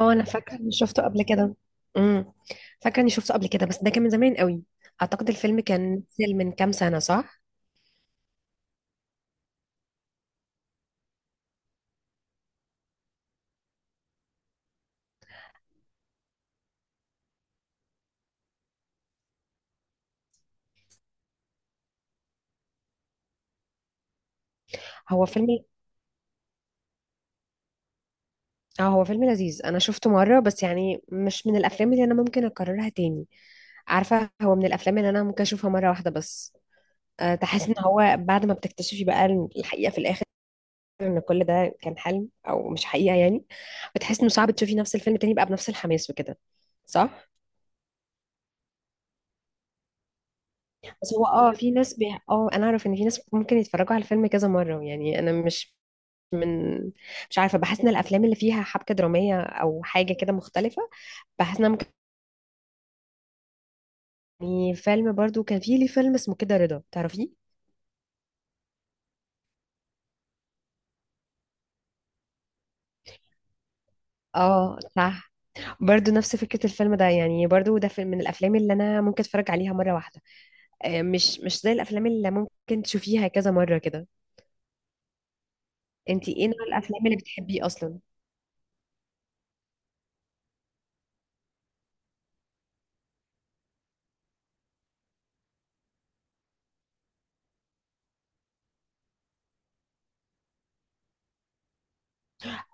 اه، انا فاكره اني شفته قبل كده. امم فاكره اني شفته قبل كده، بس ده كان من زمان قوي. اعتقد الفيلم كان نزل من كام سنه، صح؟ هو فيلم اه هو فيلم لذيذ، انا شفته مره بس، يعني مش من الافلام اللي انا ممكن اكررها تاني. عارفه، هو من الافلام اللي انا ممكن اشوفها مره واحده بس. أه، تحس ان هو بعد ما بتكتشفي بقى الحقيقه في الاخر، ان كل ده كان حلم او مش حقيقه، يعني بتحس انه صعب تشوفي نفس الفيلم تاني بقى بنفس الحماس وكده، صح؟ بس هو اه، في ناس بي... اه انا اعرف ان في ناس ممكن يتفرجوا على الفيلم كذا مره، يعني انا مش من، مش عارفه. بحس ان الافلام اللي فيها حبكه دراميه او حاجه كده مختلفه، بحس انها ممكن، يعني. فيلم برضو كان فيه، ليه فيلم اسمه كده رضا، تعرفيه؟ اه صح. برضو نفس فكره الفيلم ده، يعني برضو ده من الافلام اللي انا ممكن اتفرج عليها مره واحده. آه، مش زي الافلام اللي ممكن تشوفيها كذا مره كده. انتي ايه نوع الافلام اللي بتحبيه اصلا؟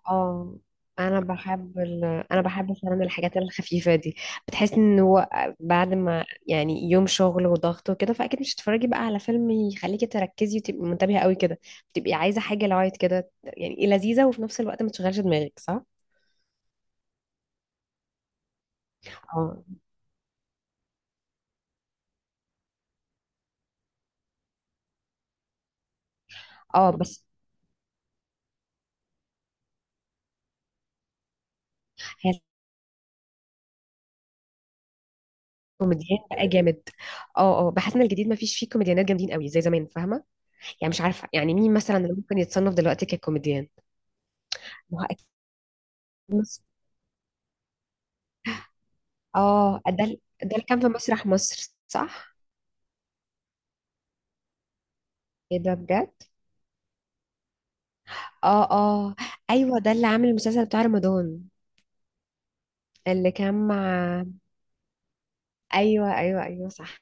اه، انا بحب انا بحب فعلا الحاجات الخفيفه دي. بتحس ان هو بعد ما، يعني، يوم شغل وضغط وكده، فاكيد مش هتتفرجي بقى على فيلم يخليكي تركزي وتبقي منتبهه قوي كده. بتبقي عايزه حاجه لايت كده، يعني إيه، لذيذه وفي نفس الوقت ما تشغلش دماغك، صح؟ اه اه. بس هي الكوميديان بقى جامد. اه اه، بحس ان الجديد ما فيش فيه كوميديانات جامدين قوي زي زمان، فاهمه؟ يعني مش عارفه، يعني مين مثلا اللي ممكن يتصنف دلوقتي ككوميديان. ما هو اكيد. مس- اه، ده اللي كان في مسرح مصر، صح؟ ايه ده، بجد؟ اه اه. ايوه، ده اللي عامل المسلسل بتاع رمضان. اللي كان مع. ايوه ايوه ايوه، صح.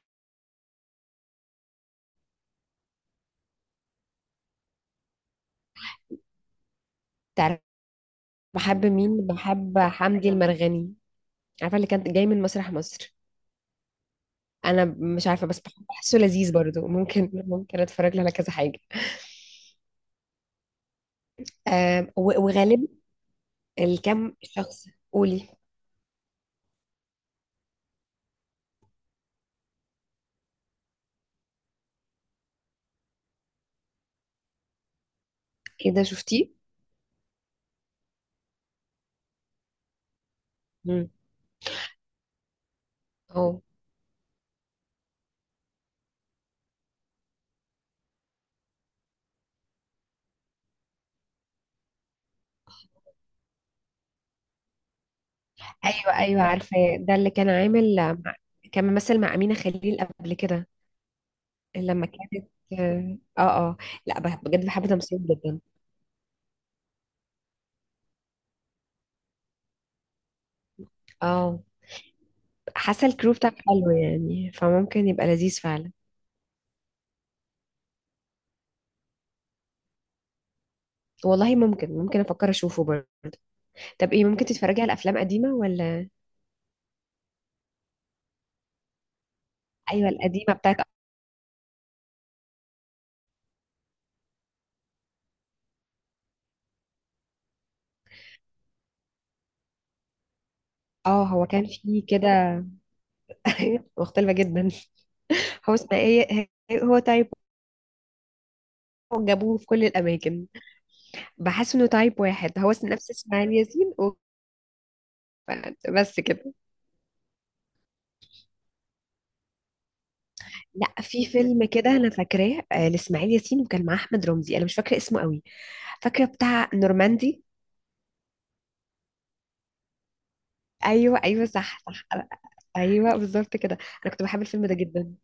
تعرف، بحب مين؟ بحب حمدي المرغني. عارفه اللي كان جاي من مسرح مصر. انا مش عارفه بس بحسه لذيذ برضو، ممكن اتفرج له على كذا حاجه. آم، وغالب الكم شخص قولي. ايه ده، شفتيه؟ مم. اه. ايوه ايوه، عارفه ده اللي كان عامل. مع- كان ممثل مع امينه خليل قبل كده. لما كانت. اه اه. لا، بجد بحب تمثيل جدا. اه. حاسه الكرو بتاعك حلو، يعني فممكن يبقى لذيذ فعلا. والله، ممكن افكر اشوفه برضه. طب ايه، ممكن تتفرجي على افلام قديمه ولا؟ ايوه، القديمه بتاعت. اه، هو كان فيه كده. مختلفه جدا. هو اسمه ايه؟ هو تايب واحد، جابوه في كل الاماكن. بحس انه تايب واحد هو نفس اسماعيل ياسين بس كده. لا، في فيلم كده انا فاكراه، آه، لاسماعيل ياسين وكان معاه احمد رمزي، انا مش فاكره اسمه قوي. فاكره بتاع نورماندي. ايوه ايوه، صح صح. ايوه، بالظبط كده. انا كنت بحب الفيلم ده جدا.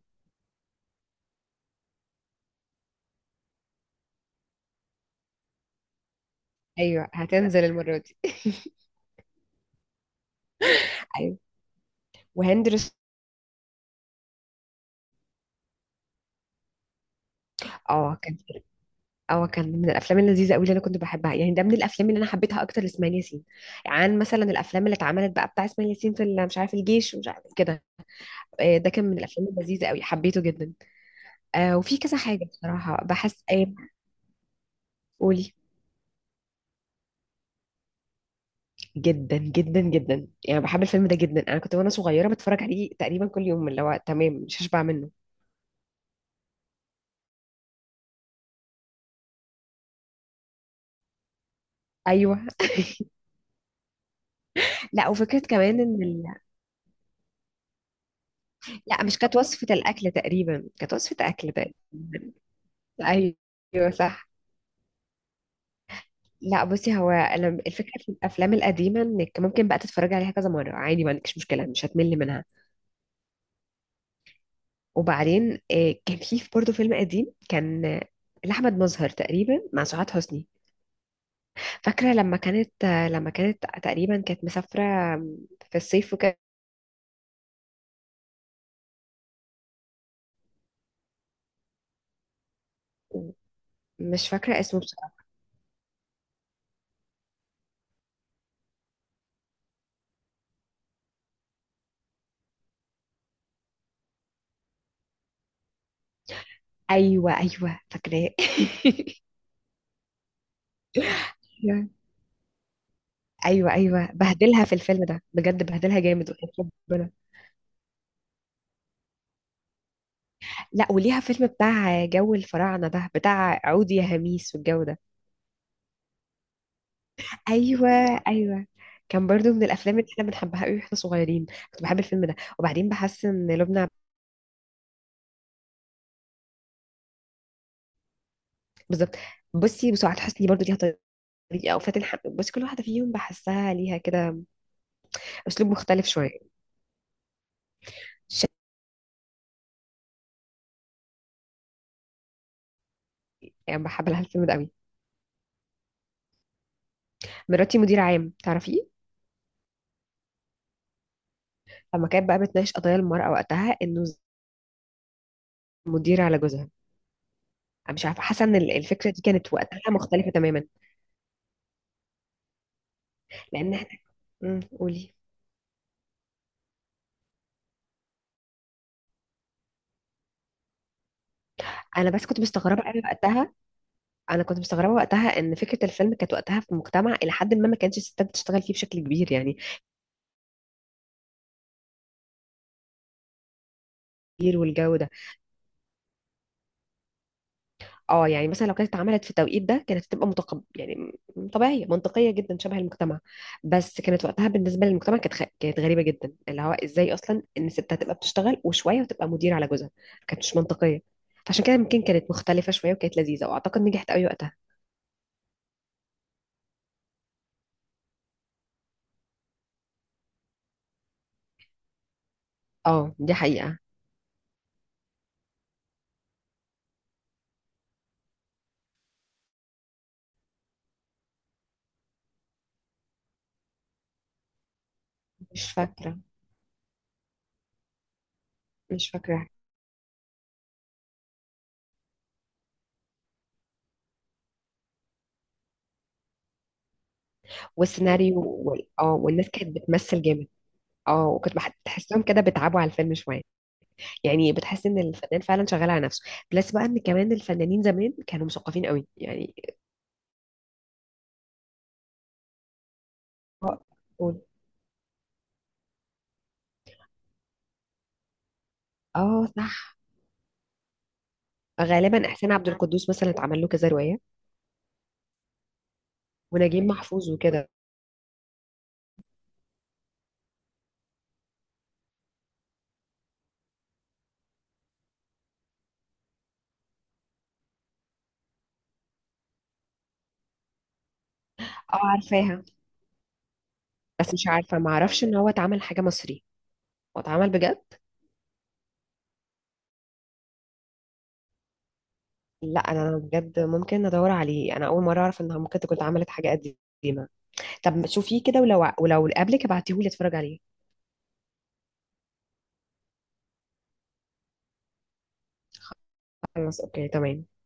ايوه، هتنزل المره دي. ايوه. وهند رستم. اه كان، اه كان من الافلام اللذيذه قوي اللي انا كنت بحبها، يعني ده من الافلام اللي انا حبيتها اكتر لاسماعيل ياسين، عن مثلا الافلام اللي اتعملت بقى بتاع اسماعيل ياسين في مش عارف الجيش ومش عارف كده. آه، ده كان من الافلام اللذيذه قوي، حبيته جدا. آه، وفي كذا حاجه بصراحه بحس ايه. قولي. جدا جدا جدا، يعني بحب الفيلم ده جدا. انا كنت وانا صغيره بتفرج عليه تقريبا كل يوم، اللي هو تمام، مش هشبع منه. ايوه. لا، وفكره كمان ان لا، مش كانت وصفه الاكل تقريبا، كانت وصفه اكل تقريبا. ايوه صح. لا، بصي، هو انا الفكره في الافلام القديمه انك ممكن بقى تتفرجي عليها كذا مره عادي، ما عندكش مشكله، مش هتمل منها. وبعدين آه، كان في برضه فيلم قديم كان آه، لاحمد مظهر تقريبا مع سعاد حسني. فاكرة لما كانت تقريبا كانت مسافرة في الصيف وكده. مش فاكرة اسمه بصراحة. أيوة أيوة، فاكراه. يعني أيوة أيوة، بهدلها في الفيلم ده بجد، بهدلها جامد، وحياة ربنا. لا، وليها فيلم بتاع جو الفراعنة ده، بتاع عود يا هميس والجو ده. أيوة أيوة. كان برضو من الأفلام اللي احنا بنحبها قوي واحنا صغيرين. كنت بحب الفيلم ده. وبعدين بحس إن لبنى. بالظبط. بصي، وسعاد حسني برضو ليها طريقة، أو فاتن حمامة، بصي كل واحدة فيهم بحسها ليها كده اسلوب مختلف شويه. شائع. بحب لها الفيلم ده قوي. مراتي مدير عام، تعرفيه؟ لما كانت بقى بتناقش قضايا المراه وقتها، انه مدير على جوزها. انا مش عارفه، حاسه ان الفكره دي كانت وقتها مختلفه تماما، لان احنا. مم، قولي. انا بس كنت مستغربه قوي وقتها، انا كنت مستغربه وقتها ان فكره الفيلم كانت وقتها في مجتمع الى حد ما ما كانتش الستات بتشتغل فيه بشكل كبير، يعني كبير والجو ده. اه، يعني مثلا لو كانت اتعملت في التوقيت ده كانت هتبقى متقب، يعني طبيعيه منطقيه جدا شبه المجتمع. بس كانت وقتها بالنسبه للمجتمع، كانت كانت غريبه جدا، اللي هو ازاي اصلا ان الست هتبقى بتشتغل وشويه وتبقى مدير على جوزها، ما كانتش منطقيه. فعشان كده يمكن كانت مختلفه شويه وكانت لذيذه، واعتقد نجحت قوي وقتها. اه، دي حقيقه. مش فاكره. مش فاكره. والسيناريو اه، والناس كانت بتمثل جامد. اه، وكنت بتحسهم كده بيتعبوا على الفيلم شويه. يعني بتحس ان الفنان فعلا شغال على نفسه. بلس بقى، ان كمان الفنانين زمان كانوا مثقفين قوي يعني. آه، قول. اه صح. غالبا احسان عبد القدوس مثلا اتعمل له كذا روايه. ونجيب محفوظ وكده. اه، عارفاها. بس مش عارفه، ما اعرفش ان هو اتعمل حاجه مصري. هو اتعمل بجد؟ لا، انا بجد ممكن ادور عليه، انا اول مره اعرف انها ممكن تكون اتعملت حاجه قديمه. طب شوفيه كده، ولو قبلك ابعتيهولي اتفرج عليه. خلاص اوكي، تمام.